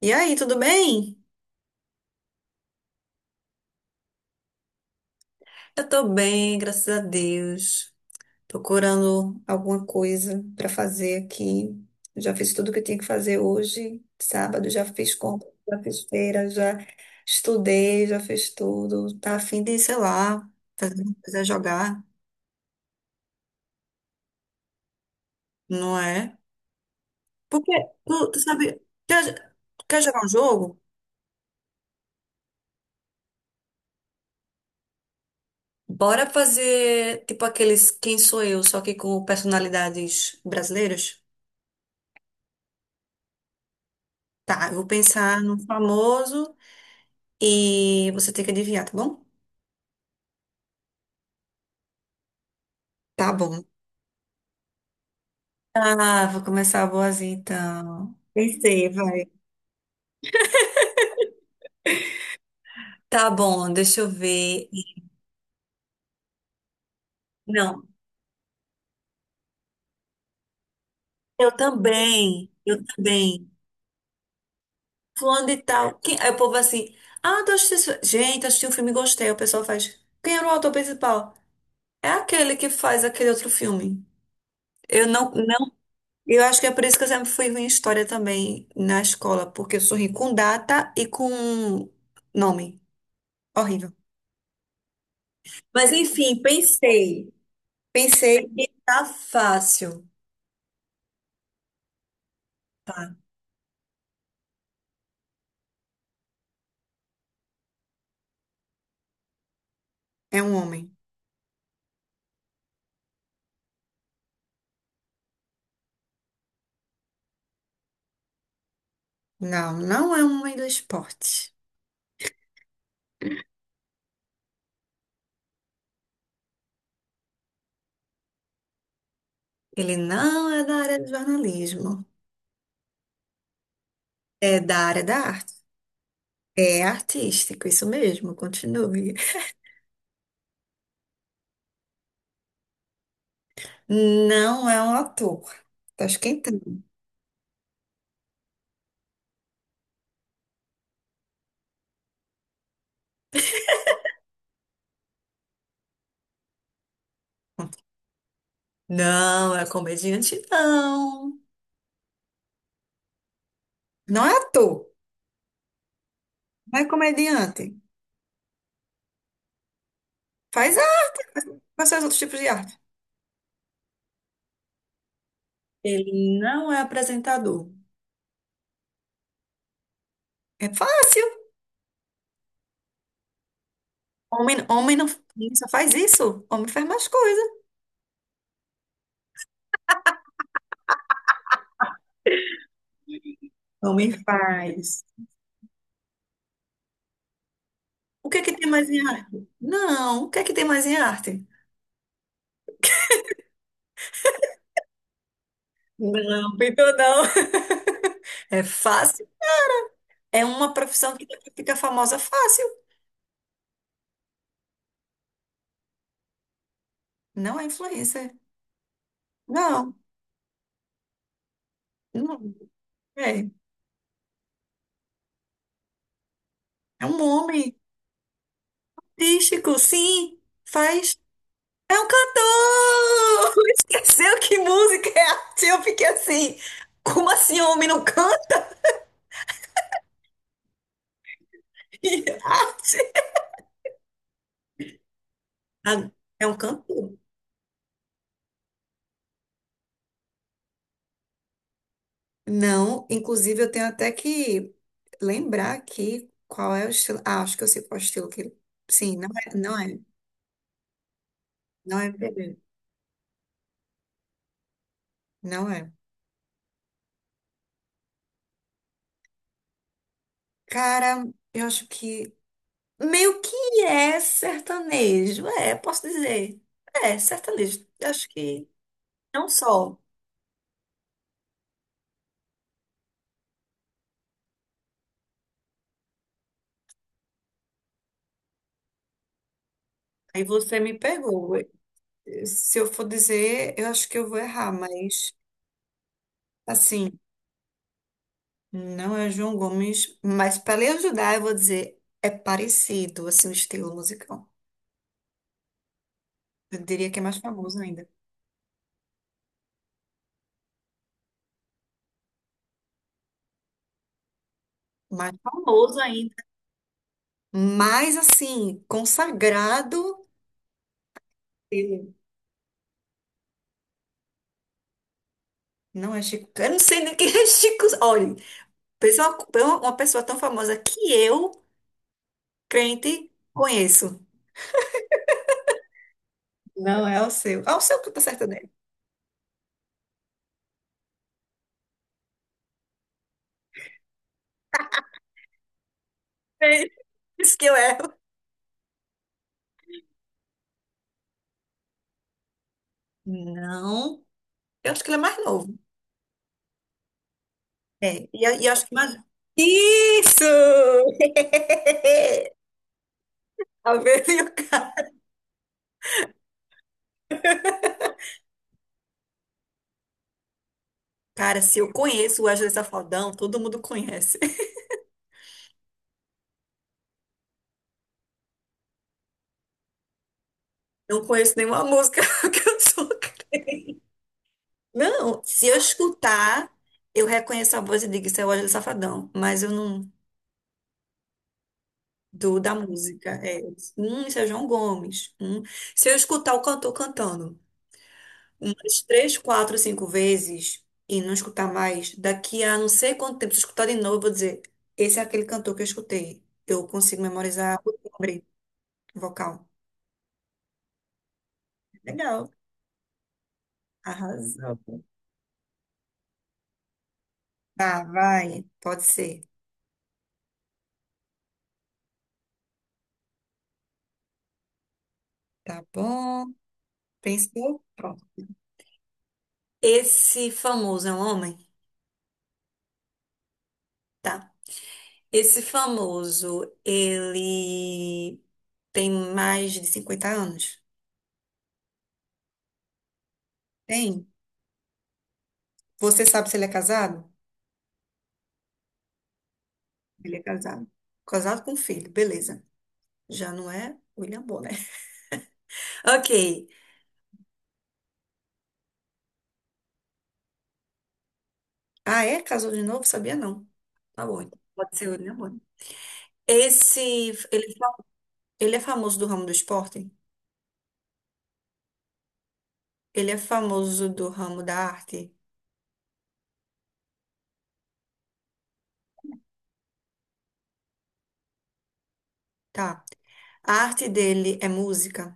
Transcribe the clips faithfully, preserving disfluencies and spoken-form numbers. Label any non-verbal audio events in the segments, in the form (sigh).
E aí, tudo bem? Eu tô bem, graças a Deus. Procurando alguma coisa para fazer aqui. Já fiz tudo que eu tinha que fazer hoje, sábado, já fiz compra, já fiz feira, já estudei, já fiz tudo. Tá a fim de, sei lá, fazer uma coisa, jogar, não é? Porque tu, tu sabe, quer, quer jogar um jogo? Bora fazer tipo aqueles Quem Sou Eu, só que com personalidades brasileiras? Tá, eu vou pensar no famoso. E você tem que adivinhar, tá bom? Tá bom. Ah, vou começar a boazinha então. Pensei, vai. Tá bom, deixa eu ver. Não, eu também, eu também. Fulano de tal. Quem... Aí o povo é assim, ah, tô assistindo... Gente, assisti um filme e gostei. O pessoal faz, quem era o autor principal? É aquele que faz aquele outro filme. Eu não, não. Eu acho que é por isso que eu sempre fui ruim em história também na escola, porque eu sou ruim com data e com nome. Horrível. Mas enfim, pensei. Pensei que tá fácil. Tá. É um homem. Não, não é um homem do esporte. Ele não é da área do jornalismo. É da área da arte. É artístico, isso mesmo, continue. Não é um ator. Tá esquentando. Não é comediante, não. Não é ator. Não é comediante. Faz a... Quais são os outros tipos de arte? Ele não é apresentador. É fácil. Homem, homem não só faz isso. Homem faz mais coisas. Não me faz. O que é que tem mais em arte? Não, o que é que tem mais em arte? Não, pintor não. (laughs) É fácil. É uma profissão que fica famosa fácil. Não é influencer. Não, não. É, é um homem artístico, sim. Faz. É um cantor! (laughs) Esqueceu que música é arte? Eu fiquei assim. Como assim, homem não canta? (laughs) Arte? Ah, é um cantor. Não, inclusive eu tenho até que lembrar aqui qual é o estilo. Ah, acho que eu sei qual é o estilo que ele. Sim, não é, não é, não é M P B, não é. Cara, eu acho que meio que é sertanejo, é, posso dizer. É, sertanejo. Eu acho que não só. Aí você me pegou. Eh, Se eu for dizer, eu acho que eu vou errar, mas assim, não é João Gomes, mas para lhe ajudar, eu vou dizer, é parecido assim o estilo musical. Eu diria que é mais famoso ainda. Mais famoso ainda. Mais assim, consagrado. Eu- Não é Chico. Eu não sei nem quem é Chico. Olha, pessoa- uma pessoa tão famosa que eu, crente, conheço. Não, é o seu. É o seu que tá certo dele. É (laughs) isso que eu erro. Não. Eu acho que ele é mais novo. É, e, eu- e eu acho que mais. Isso! (laughs) Tá vendo? Meu cara, cara, se eu conheço o Wesley Safadão, todo mundo conhece. Não conheço nenhuma música (laughs) que eu sou crente. Não, se eu escutar, eu reconheço a voz e digo, isso é o Wesley Safadão, mas eu não do da música. É, hum, isso é João Gomes. Hum. Se eu escutar o cantor cantando umas três, quatro, cinco vezes e não escutar mais, daqui a não sei quanto tempo, se eu escutar de novo, eu vou dizer, esse é aquele cantor que eu escutei. Eu consigo memorizar o timbre vocal. Legal, arrasou. Tá, vai, pode ser. Tá bom. Pensou? Pronto. Esse famoso é um homem? Tá. Esse famoso, ele tem mais de cinquenta anos? Tem? Você sabe se ele é casado? Ele é casado. Casado com filho, beleza. Já não é William Bonner. (laughs) Ok. Ah, é? Casou de novo? Sabia não. Tá bom, então. Pode ser William Bonner. Esse, ele, ele é famoso do ramo do esporte? Ele é famoso do ramo da arte? Tá. A arte dele é música?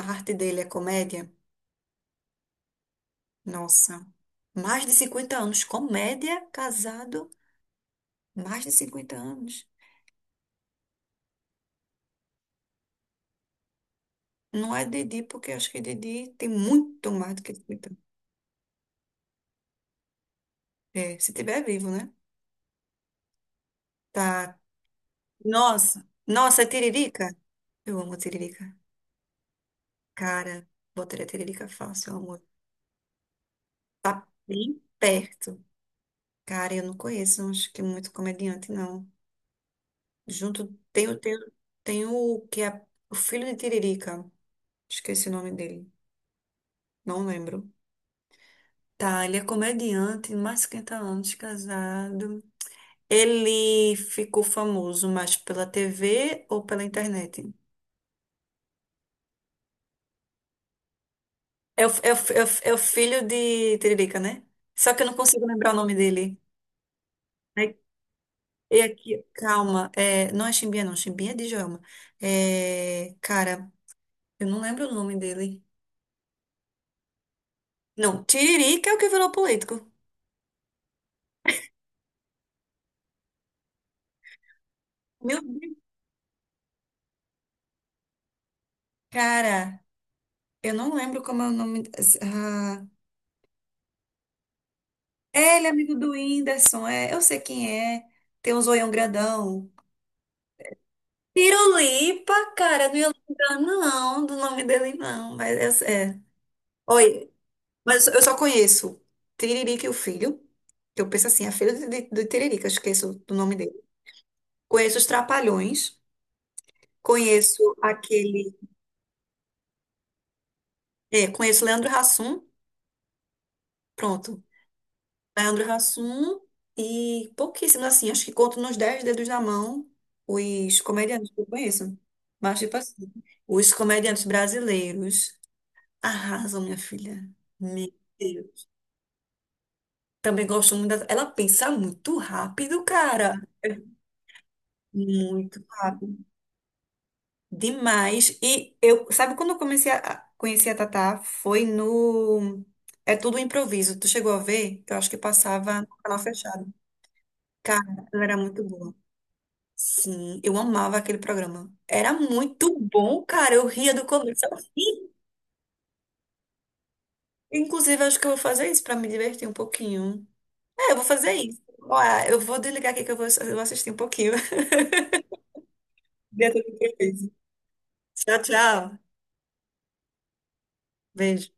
A arte dele é comédia? Nossa, mais de cinquenta anos. Comédia, casado, mais de cinquenta anos. Não é Didi, porque acho que Didi tem muito mais do que cinquenta anos. É, se tiver vivo, né? Tá. Nossa, nossa, é Tiririca? Eu amo Tiririca. Cara, botaria Tiririca fácil, amor. Tá bem perto. Cara, eu não conheço, acho que é muito comediante, não. Junto tem o, tem, o- tem o que é o filho de Tiririca. Esqueci o nome dele. Não lembro. Tá, ele é comediante, mais de cinquenta anos casado. Ele ficou famoso mais pela T V ou pela internet? É o, é o, é o, é o filho de Tiririca, né? Só que eu não consigo lembrar o nome dele. É, é aqui, calma, é, não é Chimbinha, não. Chimbinha é de Djalma. É, cara, eu não lembro o nome dele. Não, Tiririca é o que virou político. Meu Deus, cara, eu não lembro como é o nome. Ah, é, ele é amigo do Whindersson, é, eu sei quem é. Tem um zoião grandão. Pirulipa, cara, não ia lembrar não do nome dele não, mas é. é. Oi, mas eu só conheço Tiririca e o Filho, que eu penso assim, é filho de, de, de Tiririca, eu esqueço do nome dele. Conheço os Trapalhões, conheço aquele, é, conheço Leandro Hassum, pronto. Leandro Hassum e pouquíssimos, assim, acho que conto nos dez dedos da mão os comediantes que eu conheço. Mas, tipo assim, os comediantes brasileiros arrasam, minha filha. Meu Deus. Também gosto muito da... Ela pensa muito rápido, cara. É muito rápido. Demais. E eu, sabe quando eu comecei a a conhecer a Tatá? Foi no. É tudo um improviso. Tu chegou a ver? Eu acho que passava no canal fechado. Cara, ela era muito boa. Sim, eu amava aquele programa. Era muito bom, cara. Eu ria do começo ao fim. Inclusive, acho que eu vou fazer isso pra me divertir um pouquinho. É, eu vou fazer isso. Olha, eu vou desligar aqui que eu vou, eu vou, assistir um pouquinho. (laughs) Dentro do que eu fiz. Tchau, tchau. Beijo.